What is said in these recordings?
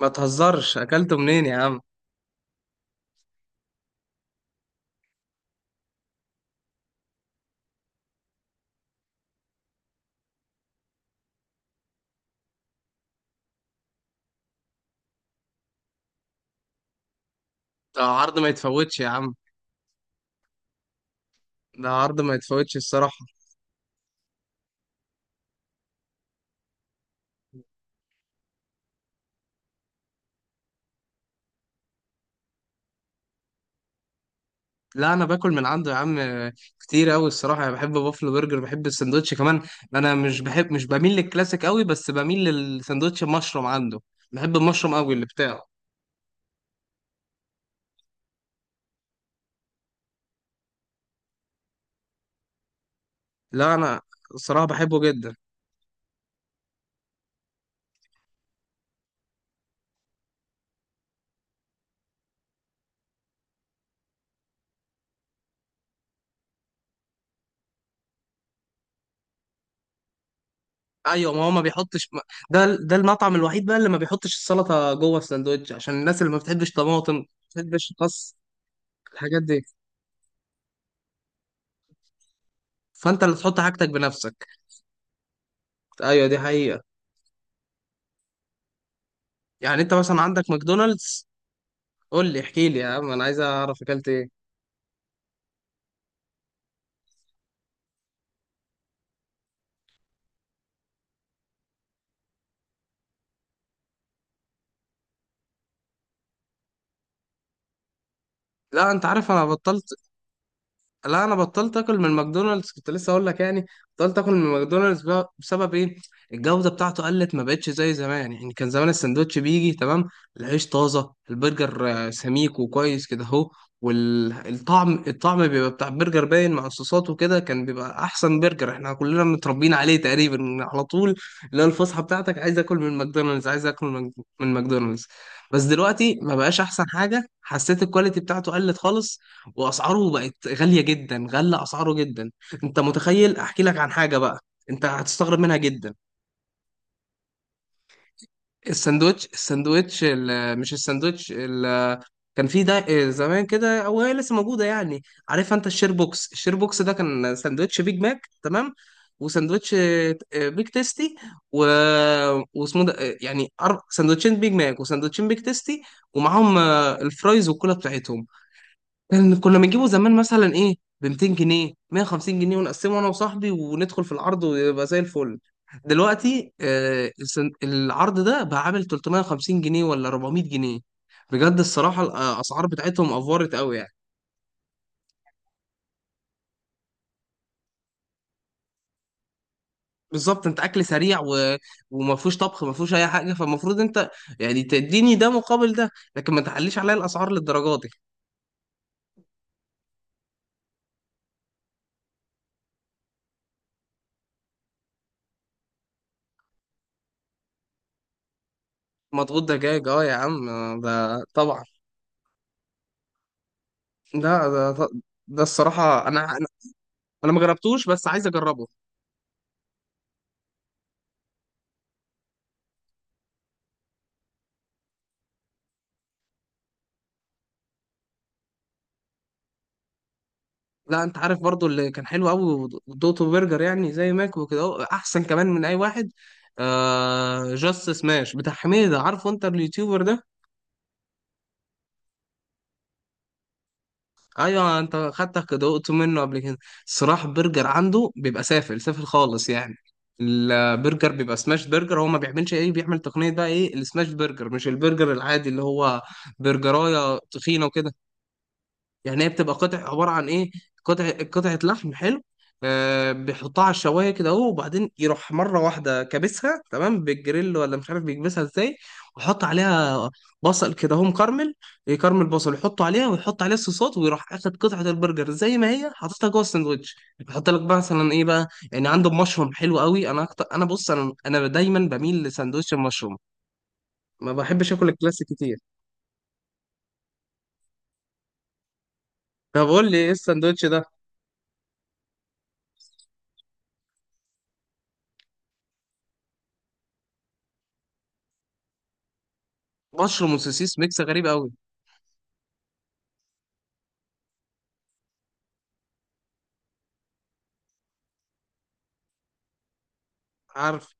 ما تهزرش، اكلته منين يا عم؟ ده عرض ما يتفوتش يا عم. ده عرض ما يتفوتش الصراحة. لا انا باكل من عنده يا عم، كتير قوي الصراحة. انا بحب بافلو برجر، بحب السندوتش كمان. انا مش بميل للكلاسيك قوي، بس بميل للسندوتش المشروم عنده. بحب المشروم قوي اللي بتاعه. لا انا الصراحة بحبه جدا. ايوه، ما هو ما بيحطش ده المطعم الوحيد بقى اللي ما بيحطش السلطة جوه السندوتش عشان الناس اللي ما بتحبش طماطم، ما بتحبش خس، الحاجات دي. فانت اللي تحط حاجتك بنفسك. ايوه، دي حقيقة. يعني انت مثلا عندك ماكدونالدز. قول لي، احكي لي يا عم، انا عايز اعرف اكلت ايه. لا انت عارف، انا بطلت. لا انا بطلت اكل من ماكدونالدز، كنت لسه اقول لك يعني. بطلت اكل من ماكدونالدز بسبب ايه؟ الجوده بتاعته قلت، ما بقتش زي زمان يعني. كان زمان السندوتش بيجي تمام، العيش طازه، البرجر سميك وكويس كده اهو. والطعم، الطعم بيبقى بتاع البرجر باين مع الصوصات وكده. كان بيبقى احسن برجر، احنا كلنا متربيين عليه تقريبا على طول، اللي هو الفسحه بتاعتك، عايز اكل من ماكدونالدز، عايز اكل من ماكدونالدز. بس دلوقتي ما بقاش احسن حاجه، حسيت الكواليتي بتاعته قلت خالص. واسعاره بقت غاليه جدا، غلى اسعاره جدا. انت متخيل؟ احكي لك عن حاجه بقى، انت هتستغرب منها جدا. الساندوتش الساندوتش ال- آه، مش الساندوتش ال- آه، كان في ده زمان كده او هي لسه موجوده يعني؟ عارف انت الشير بوكس؟ الشير بوكس ده كان ساندوتش بيج ماك، تمام، وساندوتش بيج تيستي و... واسمه ده يعني ساندوتشين بيج ماك وساندوتشين بيج تيستي ومعاهم الفرايز والكولا بتاعتهم. كان كنا بنجيبه زمان مثلا ايه، ب 200 جنيه، 150 جنيه، ونقسمه انا وصاحبي وندخل في العرض ويبقى زي الفل. دلوقتي العرض ده بقى عامل 350 جنيه ولا 400 جنيه. بجد الصراحة الأسعار بتاعتهم أفورت قوي يعني. بالظبط، انت اكل سريع وما فيهوش طبخ، ما فيهوش اي حاجه، فالمفروض انت يعني تديني ده مقابل ده، لكن ما تعليش عليا الاسعار للدرجه دي. مضغوط دجاج، اه يا عم، ده طبعا. ده ده، ده الصراحه انا. أنا ما جربتوش بس عايز اجربه. لا انت عارف برضو اللي كان حلو قوي، دوتو برجر، يعني زي ماك وكده اهو، احسن كمان من اي واحد. آه، جاست سماش بتاع حميدة، عارفه انت اليوتيوبر ده؟ ايوه انت خدتك دوقته منه قبل كده. صراحة برجر عنده بيبقى سافل، سافل خالص يعني. البرجر بيبقى سماش برجر. هو ما بيعملش ايه، بيعمل تقنية بقى ايه السماش برجر، مش البرجر العادي اللي هو برجراية تخينة وكده. يعني هي بتبقى قطع، عباره عن ايه، قطع قطعه لحم حلو. آه، بيحطها على الشوايه كده اهو، وبعدين يروح مره واحده كابسها تمام بالجريل ولا مش عارف بيكبسها ازاي، ويحط عليها بصل كده اهو مكرمل، يكرمل بصل يحطه عليها، ويحط عليها الصوصات، ويروح اخد قطعه البرجر زي ما هي حاططها جوه الساندوتش. يحط لك بقى مثلا ايه بقى، يعني عنده مشروم حلو قوي، انا أكتر، انا بص، انا دايما بميل لساندوتش المشروم، ما بحبش اكل الكلاسيك كتير. طب قول لي ايه الساندوتش ده؟ مشروم وسوسيس، ميكس غريب قوي. عارف،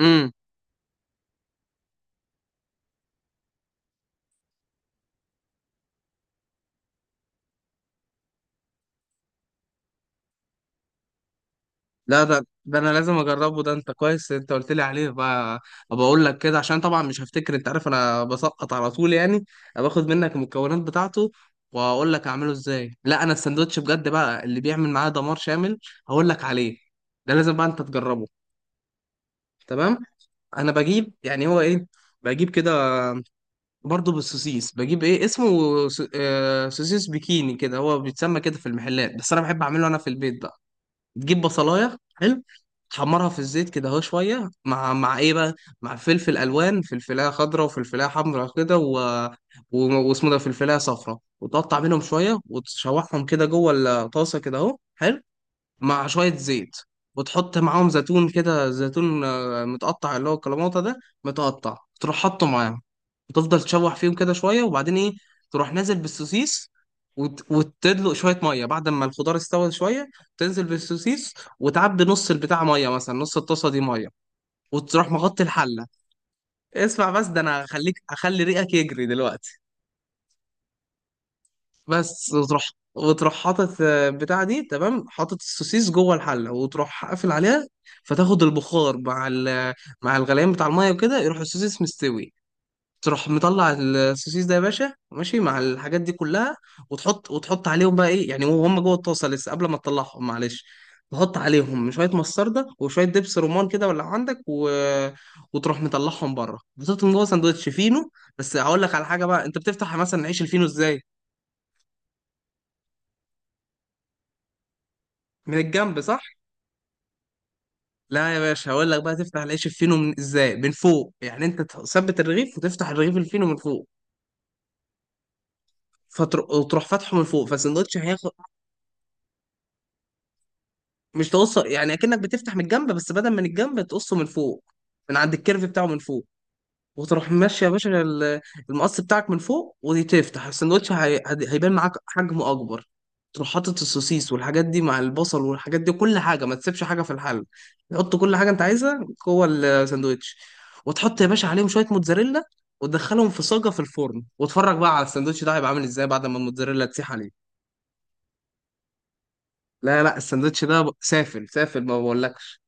امم، لا ده انا لازم اجربه، ده انت كويس انت قلت لي عليه بقى. ابقى اقول لك كده، عشان طبعا مش هفتكر، انت عارف انا بسقط على طول يعني. باخد منك المكونات بتاعته واقول لك اعمله ازاي. لا انا الساندوتش بجد بقى اللي بيعمل معاه دمار شامل، هقول لك عليه، ده لازم بقى انت تجربه. تمام، انا بجيب، يعني هو ايه، بجيب كده، برضه بالسوسيس، بجيب ايه اسمه، سوسيس بيكيني كده، هو بيتسمى كده في المحلات، بس انا بحب اعمله انا في البيت بقى. تجيب بصلايه حلو، تحمرها في الزيت كده اهو شويه، مع مع ايه بقى، مع فلفل الوان، فلفلايه خضراء وفلفلايه حمراء كده واسمه ده فلفلايه صفراء، وتقطع منهم شويه وتشوحهم كده جوه الطاسه كده اهو حلو، مع شوية زيت. وتحط معاهم زيتون كده، زيتون متقطع، اللي هو الكلاماطة ده، متقطع تروح حاطه معاهم. وتفضل تشوح فيهم كده شوية، وبعدين ايه، تروح نازل بالسوسيس، وتدلق شوية مية بعد ما الخضار استوى شوية، تنزل بالسوسيس، وتعبي نص البتاع مية، مثلا نص الطاسة دي مية، وتروح مغطي الحلة. اسمع بس، ده انا هخليك، هخلي ريقك يجري دلوقتي. بس وتروح حاطط بتاع دي تمام، حاطط السوسيس جوه الحله، وتروح قافل عليها. فتاخد البخار مع مع الغليان بتاع الميه وكده، يروح السوسيس مستوي. تروح مطلع السوسيس ده يا باشا ماشي مع الحاجات دي كلها، وتحط عليهم بقى ايه يعني، وهم جوه الطاسه لسه قبل ما تطلعهم، معلش، تحط عليهم شويه مستردة وشويه دبس رمان كده ولا عندك وتروح مطلعهم بره، بتحطهم جوه سندوتش فينو. بس هقول لك على حاجه بقى، انت بتفتح مثلا عيش الفينو ازاي؟ من الجنب، صح؟ لا يا باشا، هقول لك بقى، تفتح العيش الفينو من ازاي، من فوق، يعني انت تثبت الرغيف وتفتح الرغيف الفينو من فوق. وتروح فاتحه من فوق فالسندوتش هياخد، مش تقص، يعني اكنك بتفتح من الجنب بس بدل من الجنب تقصه من فوق، من عند الكيرف بتاعه من فوق. وتروح ماشي يا باشا، المقص بتاعك من فوق، وتفتح السندوتش، هيبان معاك حجمه اكبر. تروح حاطط السوسيس والحاجات دي مع البصل والحاجات دي، كل حاجه ما تسيبش حاجه في الحل، تحط كل حاجه انت عايزها جوه الساندوتش. وتحط يا باشا عليهم شويه موتزاريلا، وتدخلهم في صاجه في الفرن، واتفرج بقى على الساندوتش ده هيبقى عامل ازاي بعد ما الموتزاريلا تسيح عليه. لا لا، الساندوتش ده سافل، سافل ما بقولكش.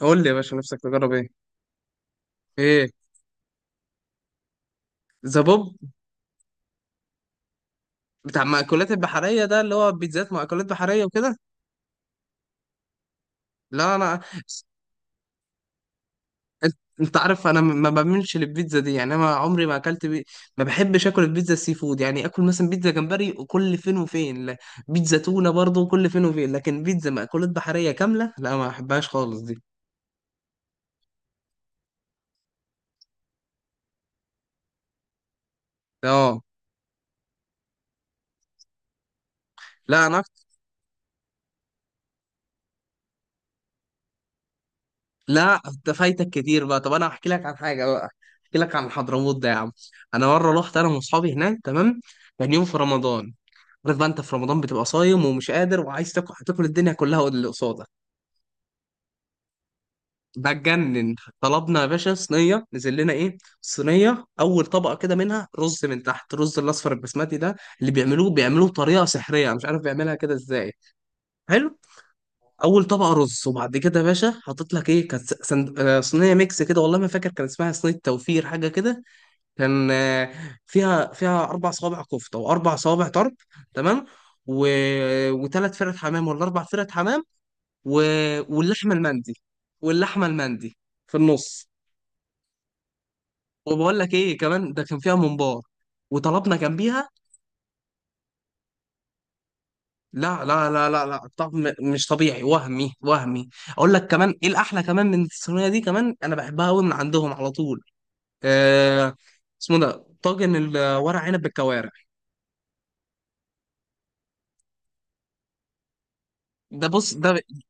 قول لي يا باشا نفسك تجرب ايه؟ ايه؟ زبوب بتاع مأكولات البحريه ده، اللي هو بيتزات مأكولات بحريه وكده؟ لا انا، انت، أنت عارف انا ما بعملش للبيتزا دي يعني، انا عمري ما اكلت ما بحبش اكل البيتزا السي فود، يعني اكل مثلا بيتزا جمبري وكل فين وفين، لا، بيتزا تونه برضه كل فين وفين، لكن بيتزا مأكولات بحريه كامله لا، ما بحبهاش خالص دي. اه، لا انا لا انت فايتك كتير بقى، طب انا هحكي لك عن حاجه بقى، احكي لك عن حضرموت ده يا عم. انا مره رحت انا واصحابي هناك، تمام، كان يوم في رمضان. عارف بقى انت في رمضان بتبقى صايم ومش قادر وعايز تاكل، هتاكل الدنيا كلها واللي قصادك، بتجنن. طلبنا يا باشا صينيه، نزل لنا ايه، صينيه، اول طبقه كده منها رز من تحت، الرز الاصفر البسمتي ده اللي بيعملوه، بيعملوه بطريقه سحريه، أنا مش عارف بيعملها كده ازاي، حلو. اول طبقه رز، وبعد كده يا باشا حاطط لك ايه، كانت سند... آه، صينيه ميكس كده، والله ما فاكر كان اسمها صينيه توفير حاجه كده. كان فيها اربع صوابع كفته واربع صوابع طرب، تمام، و... وثلاث فرق حمام ولا اربع فرق حمام، و... واللحمه المندي، واللحمه المندي في النص. وبقول لك ايه كمان، ده كان فيها ممبار، وطلبنا جنبيها. لا، طعم مش طبيعي، وهمي، وهمي. اقول لك كمان ايه الاحلى كمان من الصينيه دي كمان، انا بحبها قوي من عندهم على طول، آه، اسمه ده طاجن الورق عنب بالكوارع. ده بص،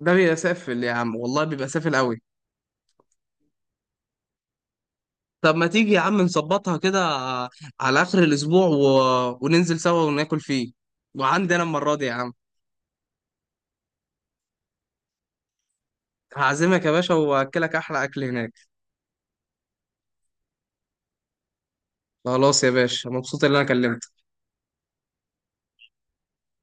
ده بيبقى سافل يا عم، والله بيبقى سافل قوي. طب ما تيجي يا عم نظبطها كده، على اخر الاسبوع وننزل سوا وناكل فيه، وعندي انا المره دي يا عم. هعزمك يا باشا واكلك احلى اكل هناك. خلاص يا باشا، مبسوط ان انا كلمتك.